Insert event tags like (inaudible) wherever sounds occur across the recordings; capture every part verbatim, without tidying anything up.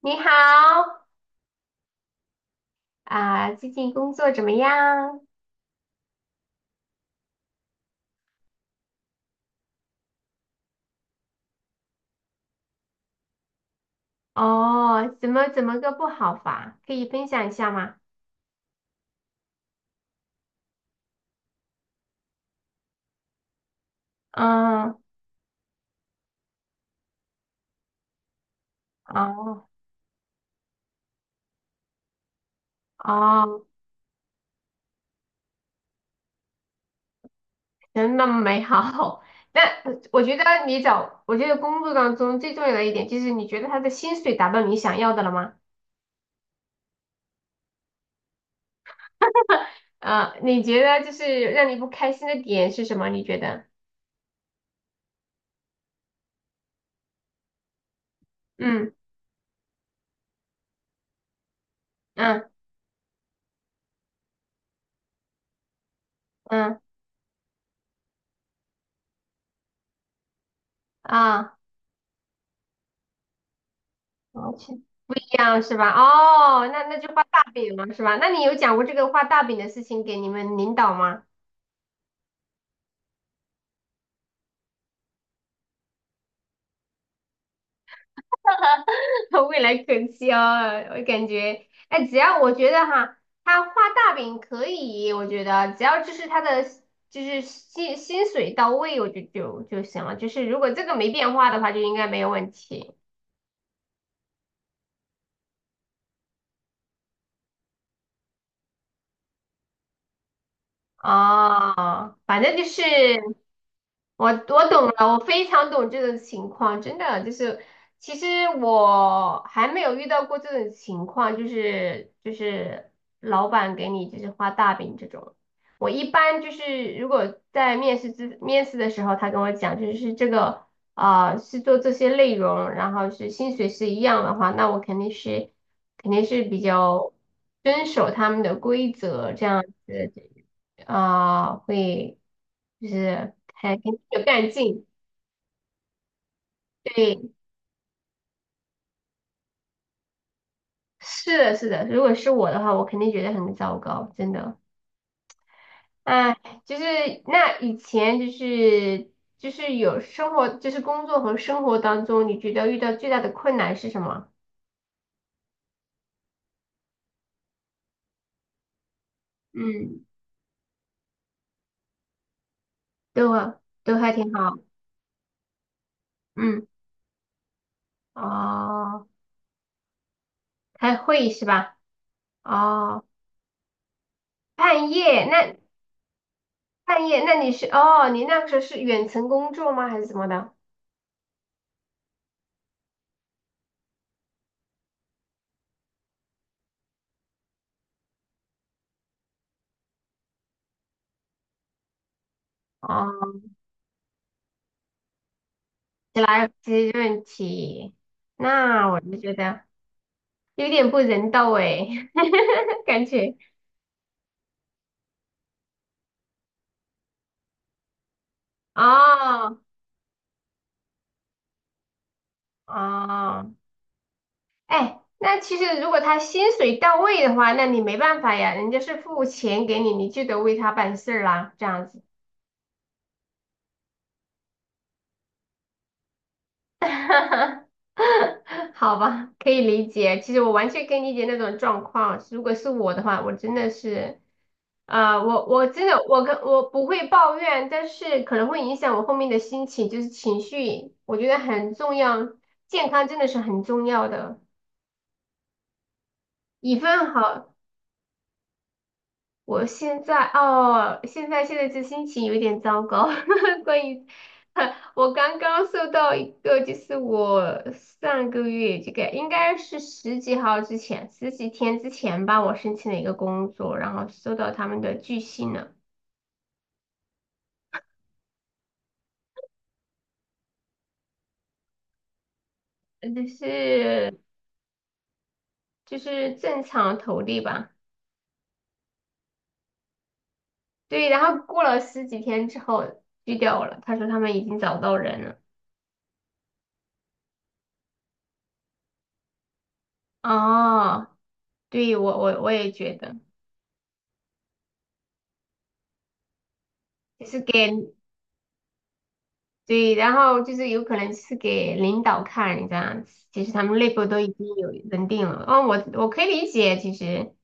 你好，啊，最近工作怎么样？哦，怎么怎么个不好法？可以分享一下吗？嗯，哦哦，真的美好。(laughs) 那呃我觉得你找，我觉得工作当中最重要的一点就是你觉得他的薪水达到你想要的了吗？啊，你觉得就是让你不开心的点是什么？你觉得？嗯嗯嗯啊。而且不一样是吧？哦，那那就画大饼嘛，是吧？那你有讲过这个画大饼的事情给你们领导吗？(laughs) 未来可期哦，我感觉，哎，只要我觉得哈，他画大饼可以，我觉得只要就是他的就是薪薪水到位，我就就就行了。就是如果这个没变化的话，就应该没有问题。哦，反正就是我我懂了，我非常懂这种情况，真的就是其实我还没有遇到过这种情况，就是就是老板给你就是画大饼这种。我一般就是如果在面试之面试的时候，他跟我讲就是这个啊、是做这些内容，然后是薪水是一样的话，那我肯定是肯定是比较遵守他们的规则这样子。啊、会就是还跟有干劲。对，是的，是的。如果是我的话，我肯定觉得很糟糕，真的。哎，就是那以前就是就是有生活，就是工作和生活当中，你觉得遇到最大的困难是什么？嗯，都啊都还挺好。嗯，哦，开会是吧？哦，半夜那半夜那你是哦，你那个时候是远程工作吗？还是怎么的？哦。起来吃润题，那我就觉得有点不人道哎，(laughs) 感觉哦哦，哎，那其实如果他薪水到位的话，那你没办法呀，人家是付钱给你，你就得为他办事儿啦，这样子。(laughs) 哈哈，好吧，可以理解。其实我完全可以理解那种状况。如果是我的话，我真的是，啊、我我真的我跟我不会抱怨，但是可能会影响我后面的心情，就是情绪，我觉得很重要，健康真的是很重要的。一份好我现在哦，现在现在这心情有点糟糕。(laughs) 关于 (laughs) 我刚刚收到一个，就是我上个月这个应该是十几号之前，十几天之前吧，我申请了一个工作，然后收到他们的拒信了，呃就是就是正常投递吧。对，然后过了十几天之后拒掉我了，他说他们已经找到人了。哦，对，我我我也觉得，就是给。对，然后就是有可能是给领导看这样子，其实他们内部都已经有人定了。哦，我我可以理解，其实，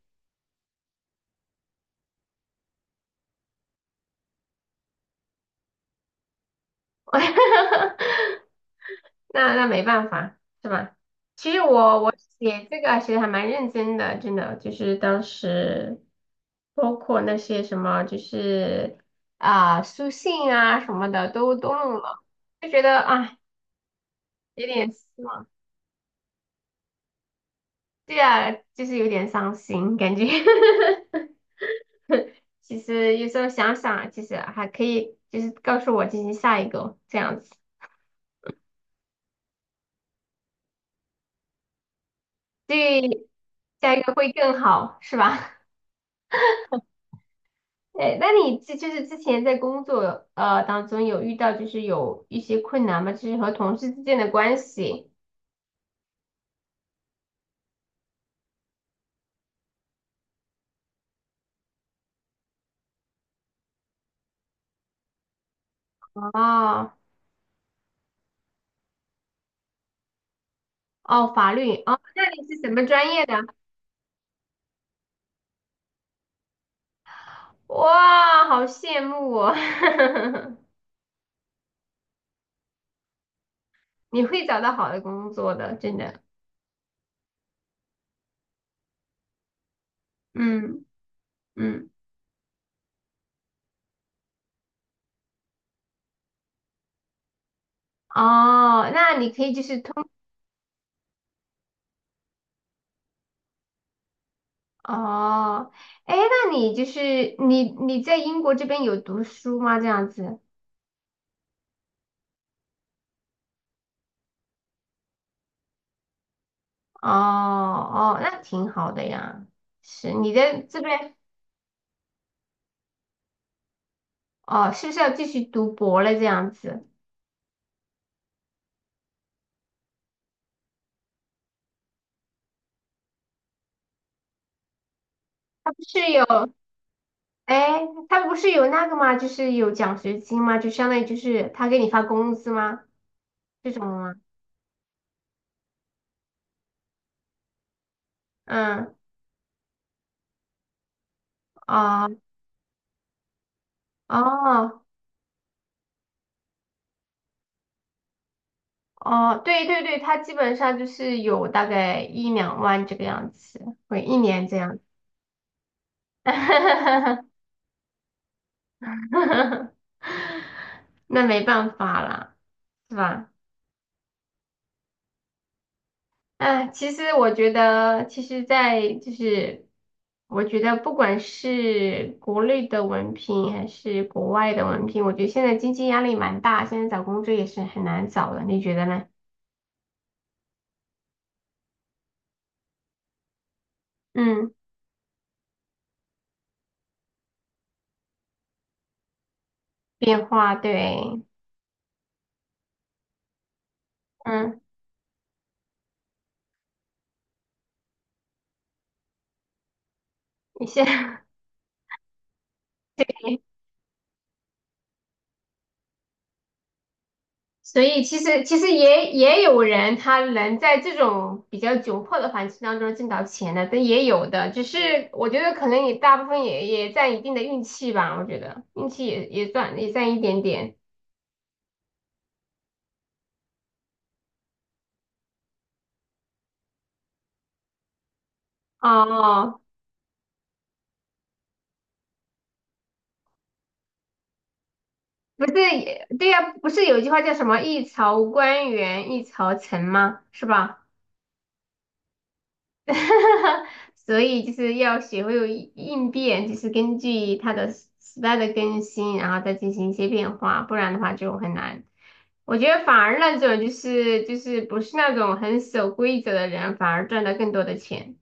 (laughs) 那那没办法，是吧？其实我写这个其实还蛮认真的，真的，就是当时包括那些什么，就是啊、书信啊什么的都都弄了，就觉得啊有点失望，对啊，就是有点伤心感觉。(laughs) 其实有时候想想，其实还可以，就是告诉我进行下一个这样子，对，下一个会更好，是吧？(laughs) 哎，那你这就是之前在工作呃当中有遇到就是有一些困难吗？就是和同事之间的关系？哦哦，法律哦，那你是什么专业的？哇，好羡慕我，(laughs) 你会找到好的工作的，真的。嗯嗯，哦，那你可以就是通。哦，哎，那你就是你你在英国这边有读书吗？这样子？哦哦，那挺好的呀。是你在这边哦，是不是要继续读博了？这样子？他不是有哎，他不是有那个吗？就是有奖学金吗？就相当于就是他给你发工资吗？这种吗？嗯，啊，哦哦，对对对，他基本上就是有大概一两万这个样子，会一年这样。(laughs) (laughs) 那没办法啦，是吧？哎，其实我觉得，其实，在就是，我觉得不管是国内的文凭还是国外的文凭，我觉得现在经济压力蛮大，现在找工作也是很难找的，你觉得呢？嗯，变化，对，嗯，你现在所以其实其实也也有人他能在这种比较窘迫的环境当中挣到钱的，但也有的，只是我觉得可能也大部分也也占一定的运气吧，我觉得运气也也占也占一点点。哦，不是也，对呀、不是有句话叫什么"一朝官员一朝臣"吗？是吧？(laughs) 所以就是要学会有应应变，就是根据它的时时代的更新，然后再进行一些变化，不然的话就很难。我觉得反而那种就是就是不是那种很守规则的人，反而赚到更多的钱。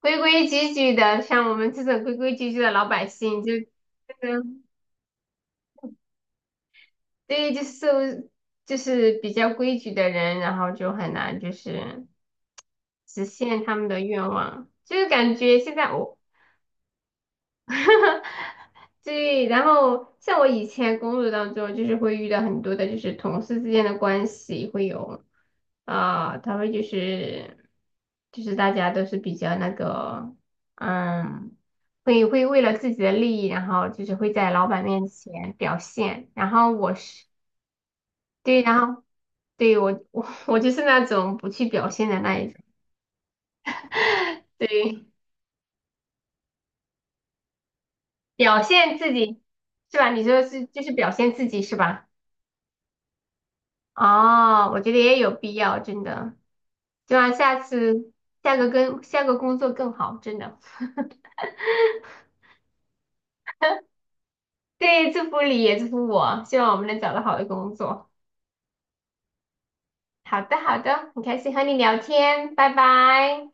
规规矩矩的，像我们这种规规矩矩的老百姓，就这个对，就是受就是比较规矩的人，然后就很难就是实现他们的愿望。就是感觉现在我 (laughs) 对，然后像我以前工作当中，就是会遇到很多的，就是同事之间的关系会有啊，他们就是就是大家都是比较那个，嗯，会会为了自己的利益，然后就是会在老板面前表现，然后我是对，然后对我我 (laughs) 我就是那种不去表现的那一种，对，表现自己是吧？你说是就是表现自己是吧？哦，我觉得也有必要，真的，希望下次下个跟下个工作更好，真的。(laughs) 对，祝福你也祝福我，希望我们能找到好的工作。好的，好的，很开心和你聊天，拜拜。